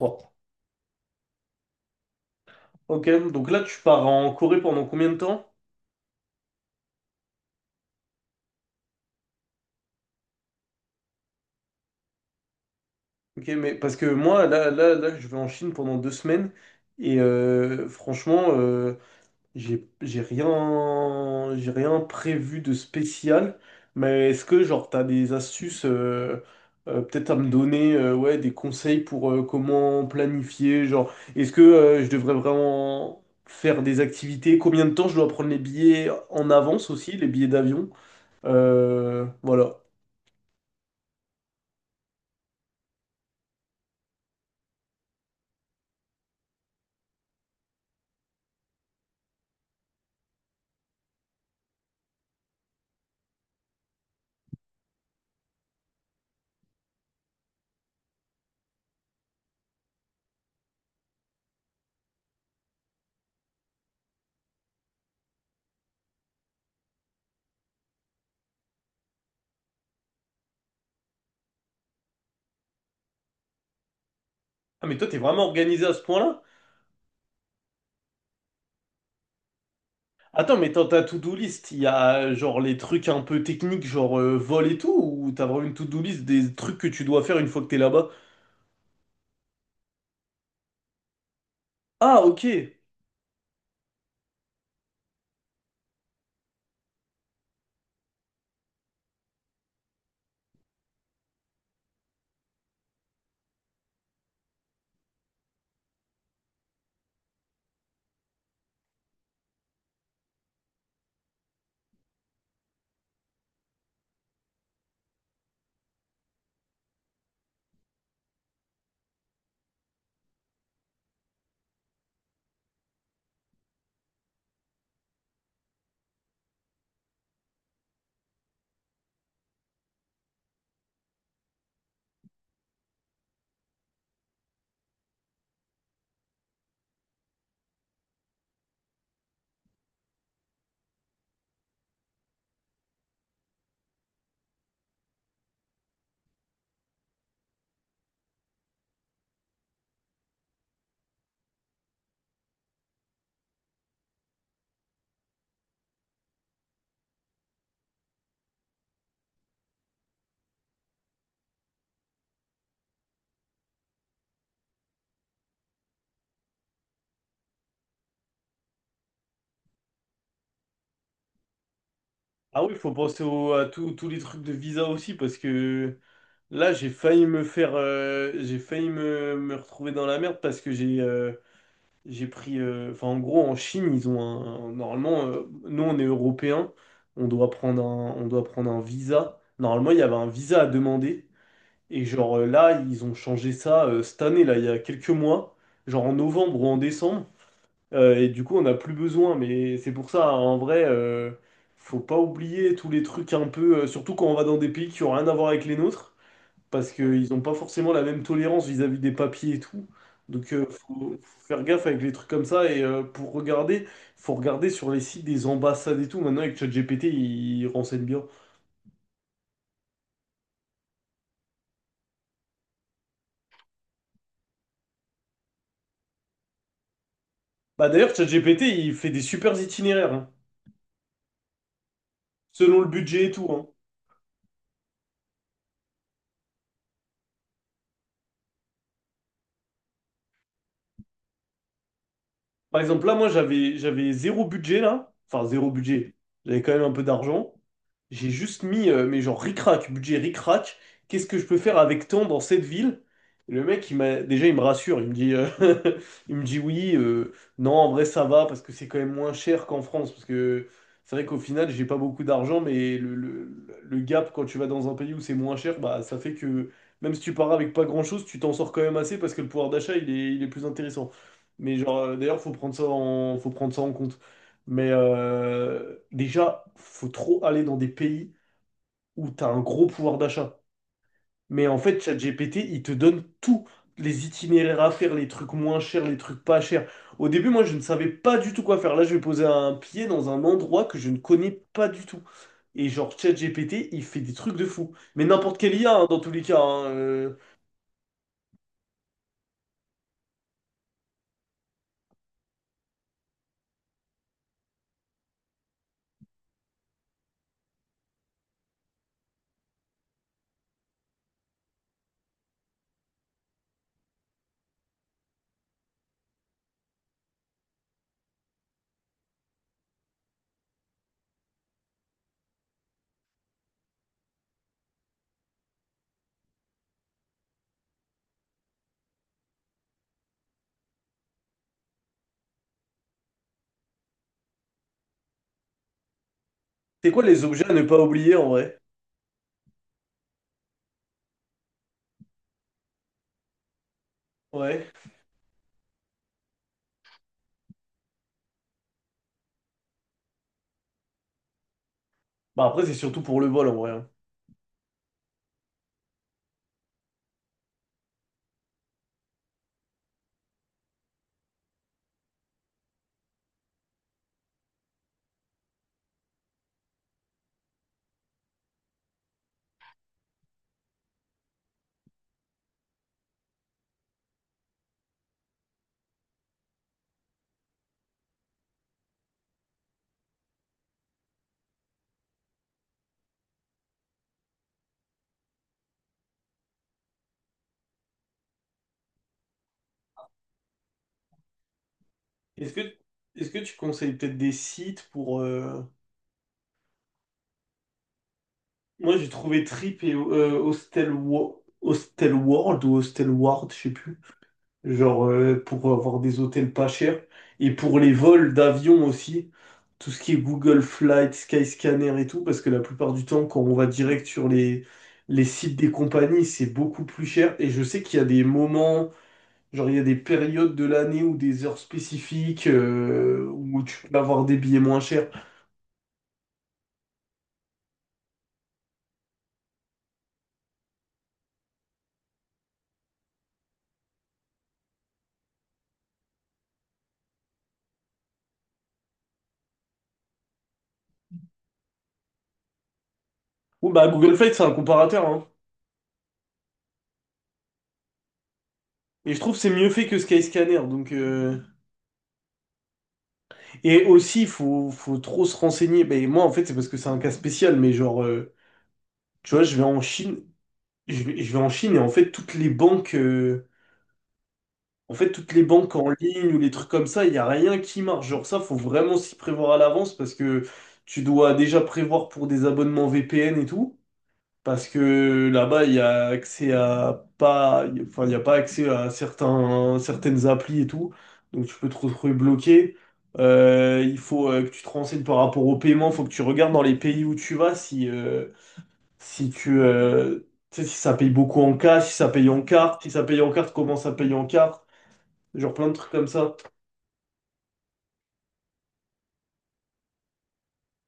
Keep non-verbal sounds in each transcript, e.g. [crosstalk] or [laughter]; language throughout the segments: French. Oh, ok, donc là tu pars en Corée pendant combien de temps? Ok, mais parce que moi là, là, là je vais en Chine pendant 2 semaines et franchement j'ai rien prévu de spécial. Mais est-ce que genre t'as des astuces peut-être à me donner ouais des conseils pour comment planifier genre est-ce que je devrais vraiment faire des activités? Combien de temps je dois prendre les billets en avance aussi les billets d'avion? Voilà. Ah, mais toi, t'es vraiment organisé à ce point-là? Attends, mais dans ta to-do list, il y a genre les trucs un peu techniques, genre vol et tout, ou t'as vraiment une to-do list des trucs que tu dois faire une fois que t'es là-bas? Ah, ok. Ah oui, faut penser à tous les trucs de visa aussi, parce que là, j'ai failli me retrouver dans la merde parce que j'ai pris, enfin, en gros, en Chine, ils ont normalement, nous, on est européens, on doit prendre un visa. Normalement, il y avait un visa à demander. Et genre là, ils ont changé ça cette année, là, il y a quelques mois, genre en novembre ou en décembre. Et du coup, on n'a plus besoin. Mais c'est pour ça, hein, en vrai, faut pas oublier tous les trucs un peu, surtout quand on va dans des pays qui ont rien à voir avec les nôtres, parce qu'ils n'ont pas forcément la même tolérance vis-à-vis des papiers et tout. Donc, faut faire gaffe avec les trucs comme ça. Et pour regarder, faut regarder sur les sites des ambassades et tout. Maintenant, avec ChatGPT, il renseigne bien. Bah d'ailleurs, ChatGPT, il fait des super itinéraires, hein, selon le budget et tout, hein. Par exemple, là, moi, j'avais zéro budget, là. Enfin, zéro budget. J'avais quand même un peu d'argent. J'ai juste mis, mais genre ric-rac, budget ric-rac, qu'est-ce que je peux faire avec tant dans cette ville? Et le mec, il m'a déjà, il me rassure, il me dit, [laughs] il me dit oui, non, en vrai, ça va, parce que c'est quand même moins cher qu'en France, parce que c'est vrai qu'au final, j'ai pas beaucoup d'argent, mais le gap, quand tu vas dans un pays où c'est moins cher, bah, ça fait que même si tu pars avec pas grand-chose, tu t'en sors quand même assez, parce que le pouvoir d'achat, il est plus intéressant. Mais genre, d'ailleurs, faut prendre ça en compte. Mais déjà, faut trop aller dans des pays où tu as un gros pouvoir d'achat. Mais en fait, ChatGPT, il te donne tous les itinéraires à faire, les trucs moins chers, les trucs pas chers. Au début, moi, je ne savais pas du tout quoi faire. Là, je vais poser un pied dans un endroit que je ne connais pas du tout. Et genre, ChatGPT, il fait des trucs de fou. Mais n'importe quelle IA, hein, dans tous les cas. Hein. C'est quoi les objets à ne pas oublier en vrai? Ouais. Bah après, c'est surtout pour le vol en vrai, hein. Est-ce que, est-ce que tu conseilles peut-être des sites pour. Moi, j'ai trouvé Trip et Hostel, Hostel World ou Hostel Ward, je sais plus. Genre, pour avoir des hôtels pas chers. Et pour les vols d'avion aussi. Tout ce qui est Google Flight, Skyscanner et tout. Parce que la plupart du temps, quand on va direct sur les sites des compagnies, c'est beaucoup plus cher. Et je sais qu'il y a des moments, genre, il y a des périodes de l'année ou des heures spécifiques où tu peux avoir des billets moins chers. Ou bah, Google Flight, c'est un comparateur, hein. Et je trouve que c'est mieux fait que Skyscanner. Donc. Et aussi, faut trop se renseigner. Ben, moi, en fait, c'est parce que c'est un cas spécial, mais genre, tu vois, je vais en Chine et en fait, toutes les banques, en fait, toutes les banques en ligne ou les trucs comme ça, il n'y a rien qui marche. Genre, ça, faut vraiment s'y prévoir à l'avance parce que tu dois déjà prévoir pour des abonnements VPN et tout. Parce que là-bas, il y a accès à pas, enfin, il n'y a pas accès à certaines applis et tout. Donc, tu peux te retrouver bloqué. Il faut que tu te renseignes par rapport au paiement. Il faut que tu regardes dans les pays où tu vas si, si tu, tu sais, si ça paye beaucoup en cash, si ça paye en carte, si ça paye en carte, comment ça paye en carte. Genre plein de trucs comme ça.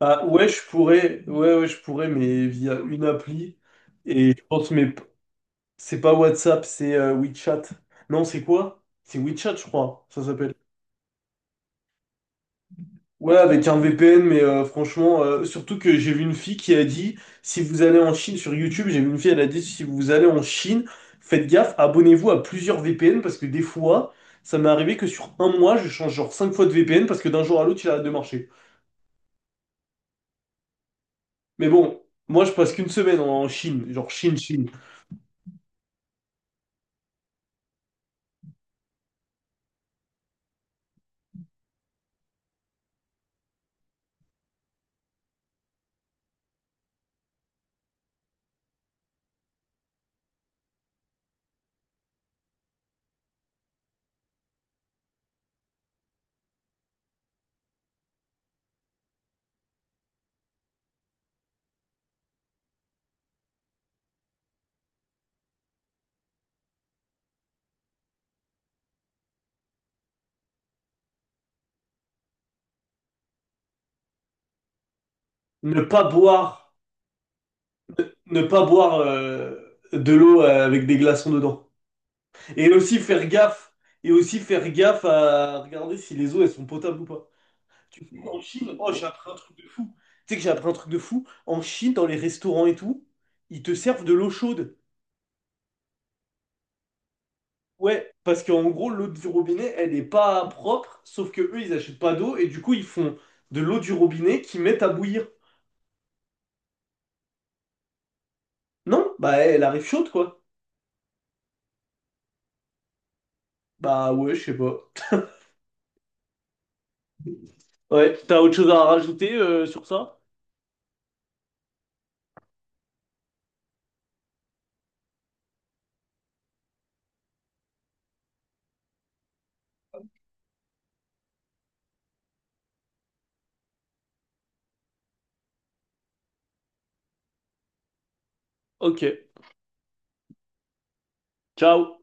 Ah, ouais, je pourrais, ouais, ouais, je pourrais, mais via une appli. Et je pense mes. C'est pas WhatsApp, c'est WeChat. Non, c'est quoi? C'est WeChat, je crois, ça s'appelle. Ouais, avec un VPN, mais franchement, surtout que j'ai vu une fille qui a dit, si vous allez en Chine sur YouTube, j'ai vu une fille, elle a dit, si vous allez en Chine, faites gaffe, abonnez-vous à plusieurs VPN, parce que des fois, ça m'est arrivé que sur un mois, je change genre 5 fois de VPN, parce que d'un jour à l'autre, il arrête de marcher. Mais bon, moi, je passe qu'une semaine en Chine, genre Chine, Chine. Ne pas boire, ne pas boire de l'eau avec des glaçons dedans. Et aussi faire gaffe. Et aussi faire gaffe à regarder si les eaux elles sont potables ou pas. Tu sais, en Chine, oh, j'ai appris un truc de fou. Tu sais que j'ai appris un truc de fou. En Chine, dans les restaurants et tout, ils te servent de l'eau chaude. Ouais, parce qu'en gros, l'eau du robinet, elle n'est pas propre, sauf que eux, ils achètent pas d'eau et du coup, ils font de l'eau du robinet qu'ils mettent à bouillir. Non, bah elle arrive chaude quoi. Bah ouais, je sais pas. Ouais, t'as autre chose à rajouter sur ça? Ok, ciao.